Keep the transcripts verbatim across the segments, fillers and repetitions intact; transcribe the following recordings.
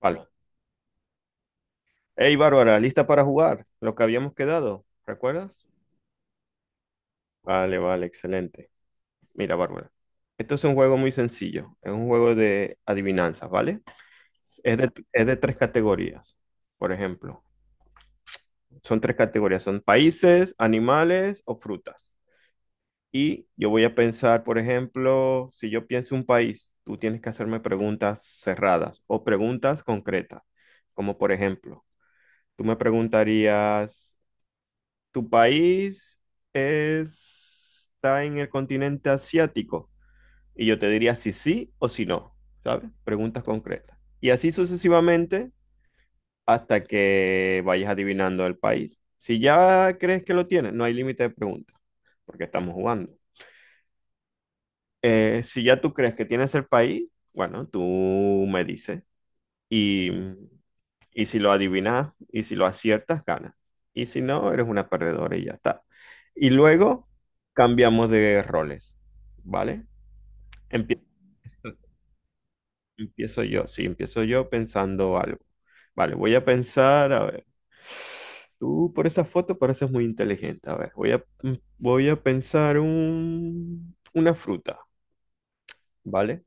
Vale. Hey, Bárbara, ¿lista para jugar? Lo que habíamos quedado, ¿recuerdas? Vale, vale, excelente. Mira, Bárbara. Esto es un juego muy sencillo. Es un juego de adivinanzas, ¿vale? Es de, es de tres categorías, por ejemplo. Son tres categorías. Son países, animales o frutas. Y yo voy a pensar, por ejemplo, si yo pienso un país, tú tienes que hacerme preguntas cerradas o preguntas concretas. Como por ejemplo, tú me preguntarías... Tu país es- está en el continente asiático. Y yo te diría si sí o si no, ¿sabes? Preguntas concretas. Y así sucesivamente hasta que vayas adivinando el país. Si ya crees que lo tienes, no hay límite de preguntas, porque estamos jugando. Eh, si ya tú crees que tienes el país, bueno, tú me dices. Y, y si lo adivinas y si lo aciertas, ganas. Y si no, eres una perdedora y ya está. Y luego cambiamos de roles, ¿vale? Empie- Empiezo yo, sí, empiezo yo pensando algo. Vale, voy a pensar, a ver. Tú por esa foto pareces muy inteligente. A ver, voy a, mm, voy a pensar un, una fruta, ¿vale?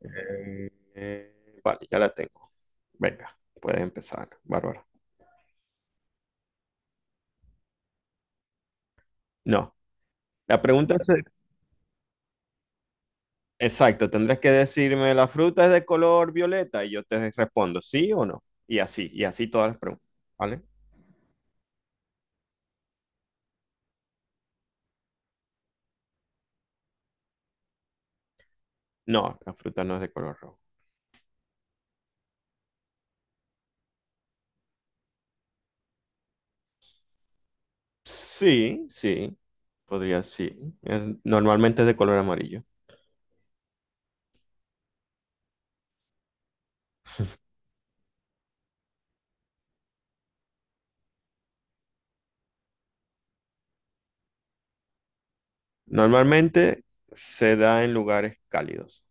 Eh, eh, vale, ya la tengo. Venga, puedes empezar, Bárbara. No. La pregunta es, exacto, tendrás que decirme, ¿la fruta es de color violeta? Y yo te respondo, ¿sí o no? Y así, y así todas las preguntas, ¿vale? No, la fruta no es de color rojo. Sí, sí, podría, sí. Es- normalmente es de color amarillo. Normalmente se da en lugares cálidos.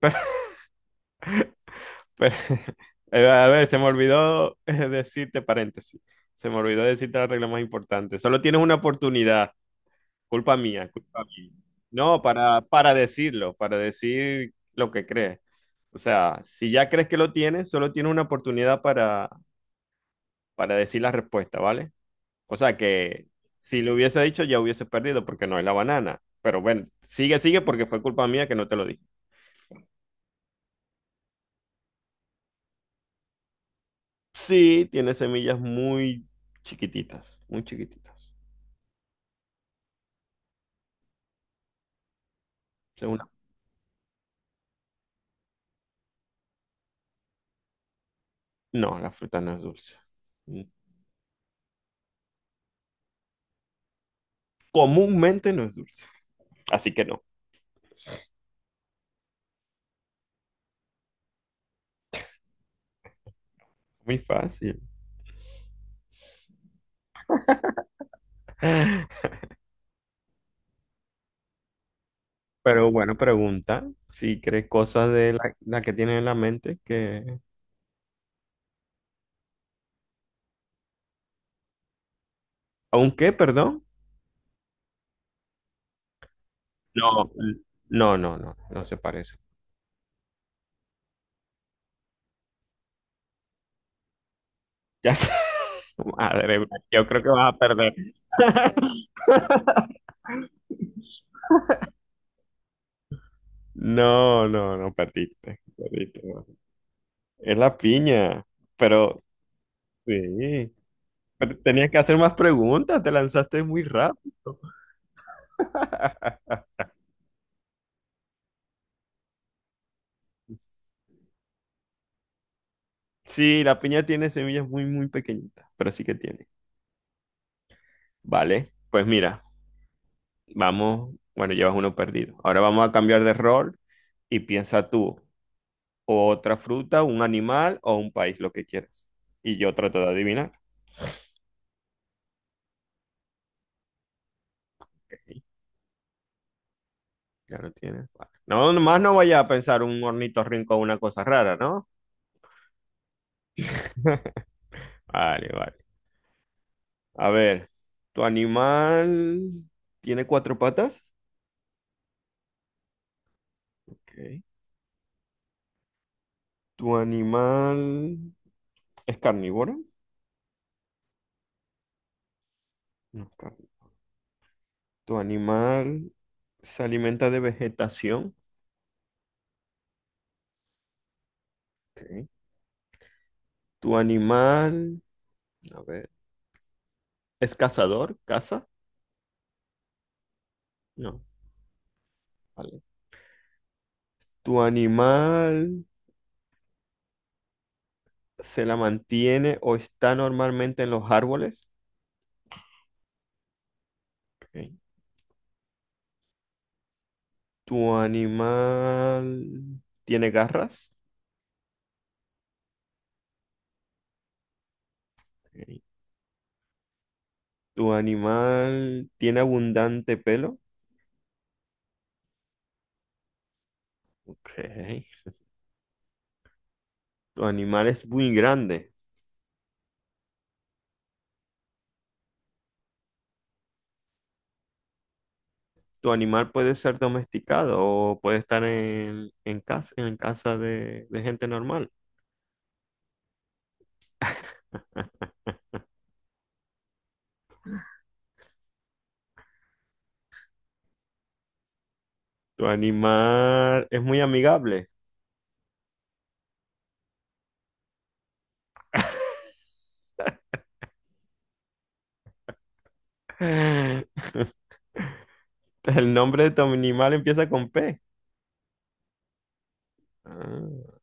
Pero, pero- eh, a ver, se me olvidó eh, decirte paréntesis. Se me olvidó decirte la regla más importante. Solo tienes una oportunidad. Culpa mía, culpa mía. No, para, para decirlo, para decir lo que crees. O sea, si ya crees que lo tienes, solo tienes una oportunidad para, para decir la respuesta, ¿vale? O sea que si lo hubiese dicho ya hubiese perdido porque no es la banana. Pero bueno, sigue, sigue porque fue culpa mía que no te lo dije. Sí, tiene semillas muy chiquititas, muy chiquititas. Es una- No, la fruta no es dulce. Mm. Comúnmente no es dulce. Así que no, muy fácil. Pero bueno, pregunta si crees cosas de la, la que tienes en la mente que... ¿Aunque perdón? No, n- no, no, no, no se parece. Ya sé. Madre mía, yo creo que vas a perder. No, no, no, perdiste, perdiste. No. Es la piña, pero sí, pero tenías que hacer más preguntas, te lanzaste muy rápido. Sí, la piña tiene semillas muy, muy pequeñitas, pero sí que tiene. Vale, pues mira. Vamos, bueno, llevas uno perdido. Ahora vamos a cambiar de rol y piensa tú, o otra fruta, un animal o un país, lo que quieras. Y yo trato de adivinar. Ok, ya lo tienes. Vale. No, nomás no vaya a pensar un ornitorrinco o una cosa rara, ¿no? Vale, vale. A ver, ¿tu animal tiene cuatro patas? Ok. ¿Tu animal es carnívoro? No, es carni- ¿tu animal se alimenta de vegetación? Ok. ¿Tu animal... a ver, ¿es cazador? ¿Caza? No. Vale. ¿Tu animal se la mantiene o está normalmente en los árboles? Ok. ¿Tu animal tiene garras? Ok. ¿Tu animal tiene abundante pelo? Ok. ¿Tu animal es muy grande? ¿Tu animal puede ser domesticado o puede estar en, en casa, en casa de, de gente normal? ¿Tu animal es muy amigable? El nombre de tu animal empieza con P. Ah,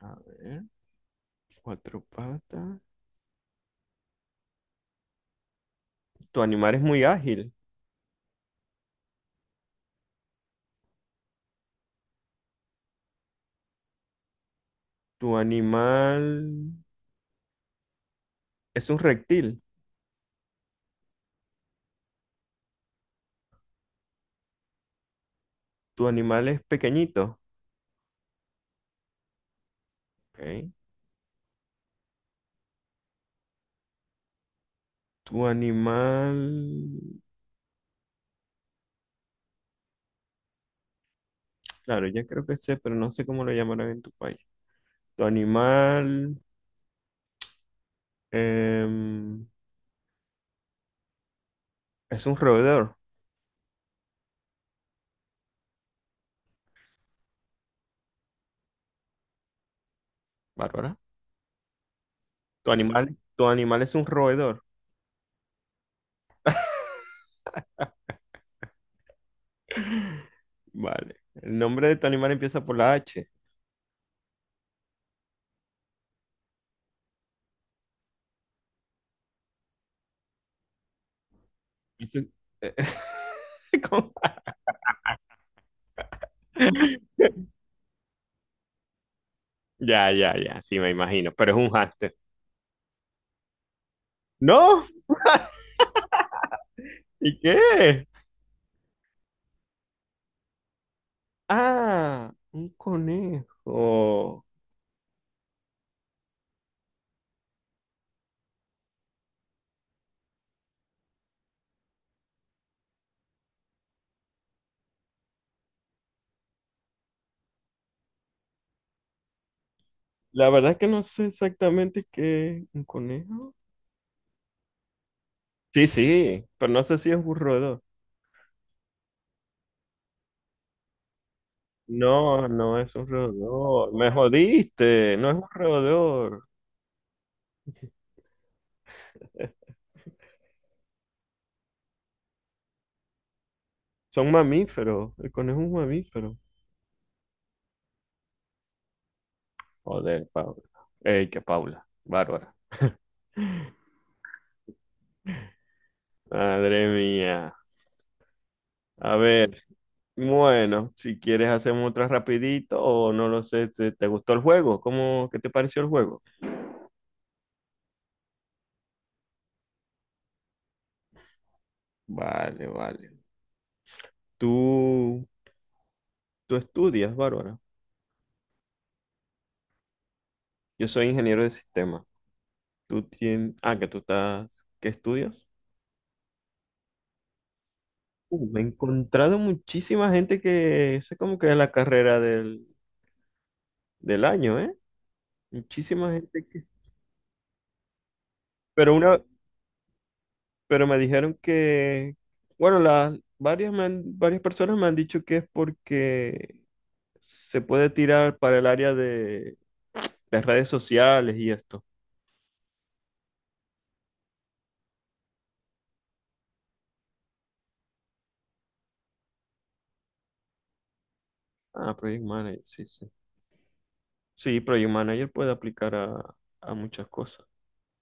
a ver, cuatro patas. Tu animal es muy ágil. Tu animal es un reptil. Tu animal es pequeñito. Ok. Tu animal... Claro, ya creo que sé, pero no sé cómo lo llamarán en tu país. Tu animal em, es un roedor, Bárbara. Tu animal, tu animal es un roedor. Vale. El nombre de tu animal empieza por la H. Eso- ¿Cómo? Ya, ya, ya, sí, me imagino, pero es un hámster. ¿No? ¿Y qué? Ah, un conejo. La verdad es que no sé exactamente qué un conejo. Sí, sí, pero no sé si es un roedor. No, no es un roedor. Me jodiste, no es un roedor. Son mamíferos. El conejo es un mamífero. Joder, Paula. Ey, que Paula. Bárbara. Madre mía. A ver. Bueno, si quieres hacemos otra rapidito o no lo sé, ¿te, te gustó el juego? ¿Cómo, qué te pareció el juego? Vale, vale. Tú, tú estudias, Bárbara. Yo soy ingeniero de sistema. Tú tienes, ah, que tú estás, ¿qué estudias? Uh, me he encontrado muchísima gente que, esa es como que es la carrera del, del año, ¿eh? Muchísima gente que, pero una, pero me dijeron que, bueno, las varias, me han- varias personas me han dicho que es porque se puede tirar para el área de, de redes sociales y esto. Ah, Project Manager, sí, sí. Sí, Project Manager puede aplicar a, a muchas cosas,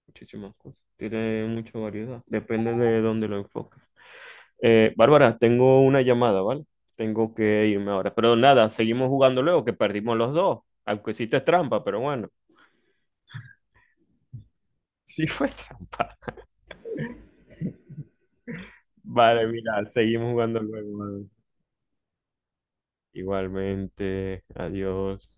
muchísimas cosas. Tiene mucha variedad, depende de dónde lo enfoques. Eh, Bárbara, tengo una llamada, ¿vale? Tengo que irme ahora. Pero nada, seguimos jugando luego, que perdimos los dos. Aunque hiciste trampa, pero bueno. Sí fue trampa. Vale, mira, seguimos jugando luego. ¿Vale? Igualmente, adiós.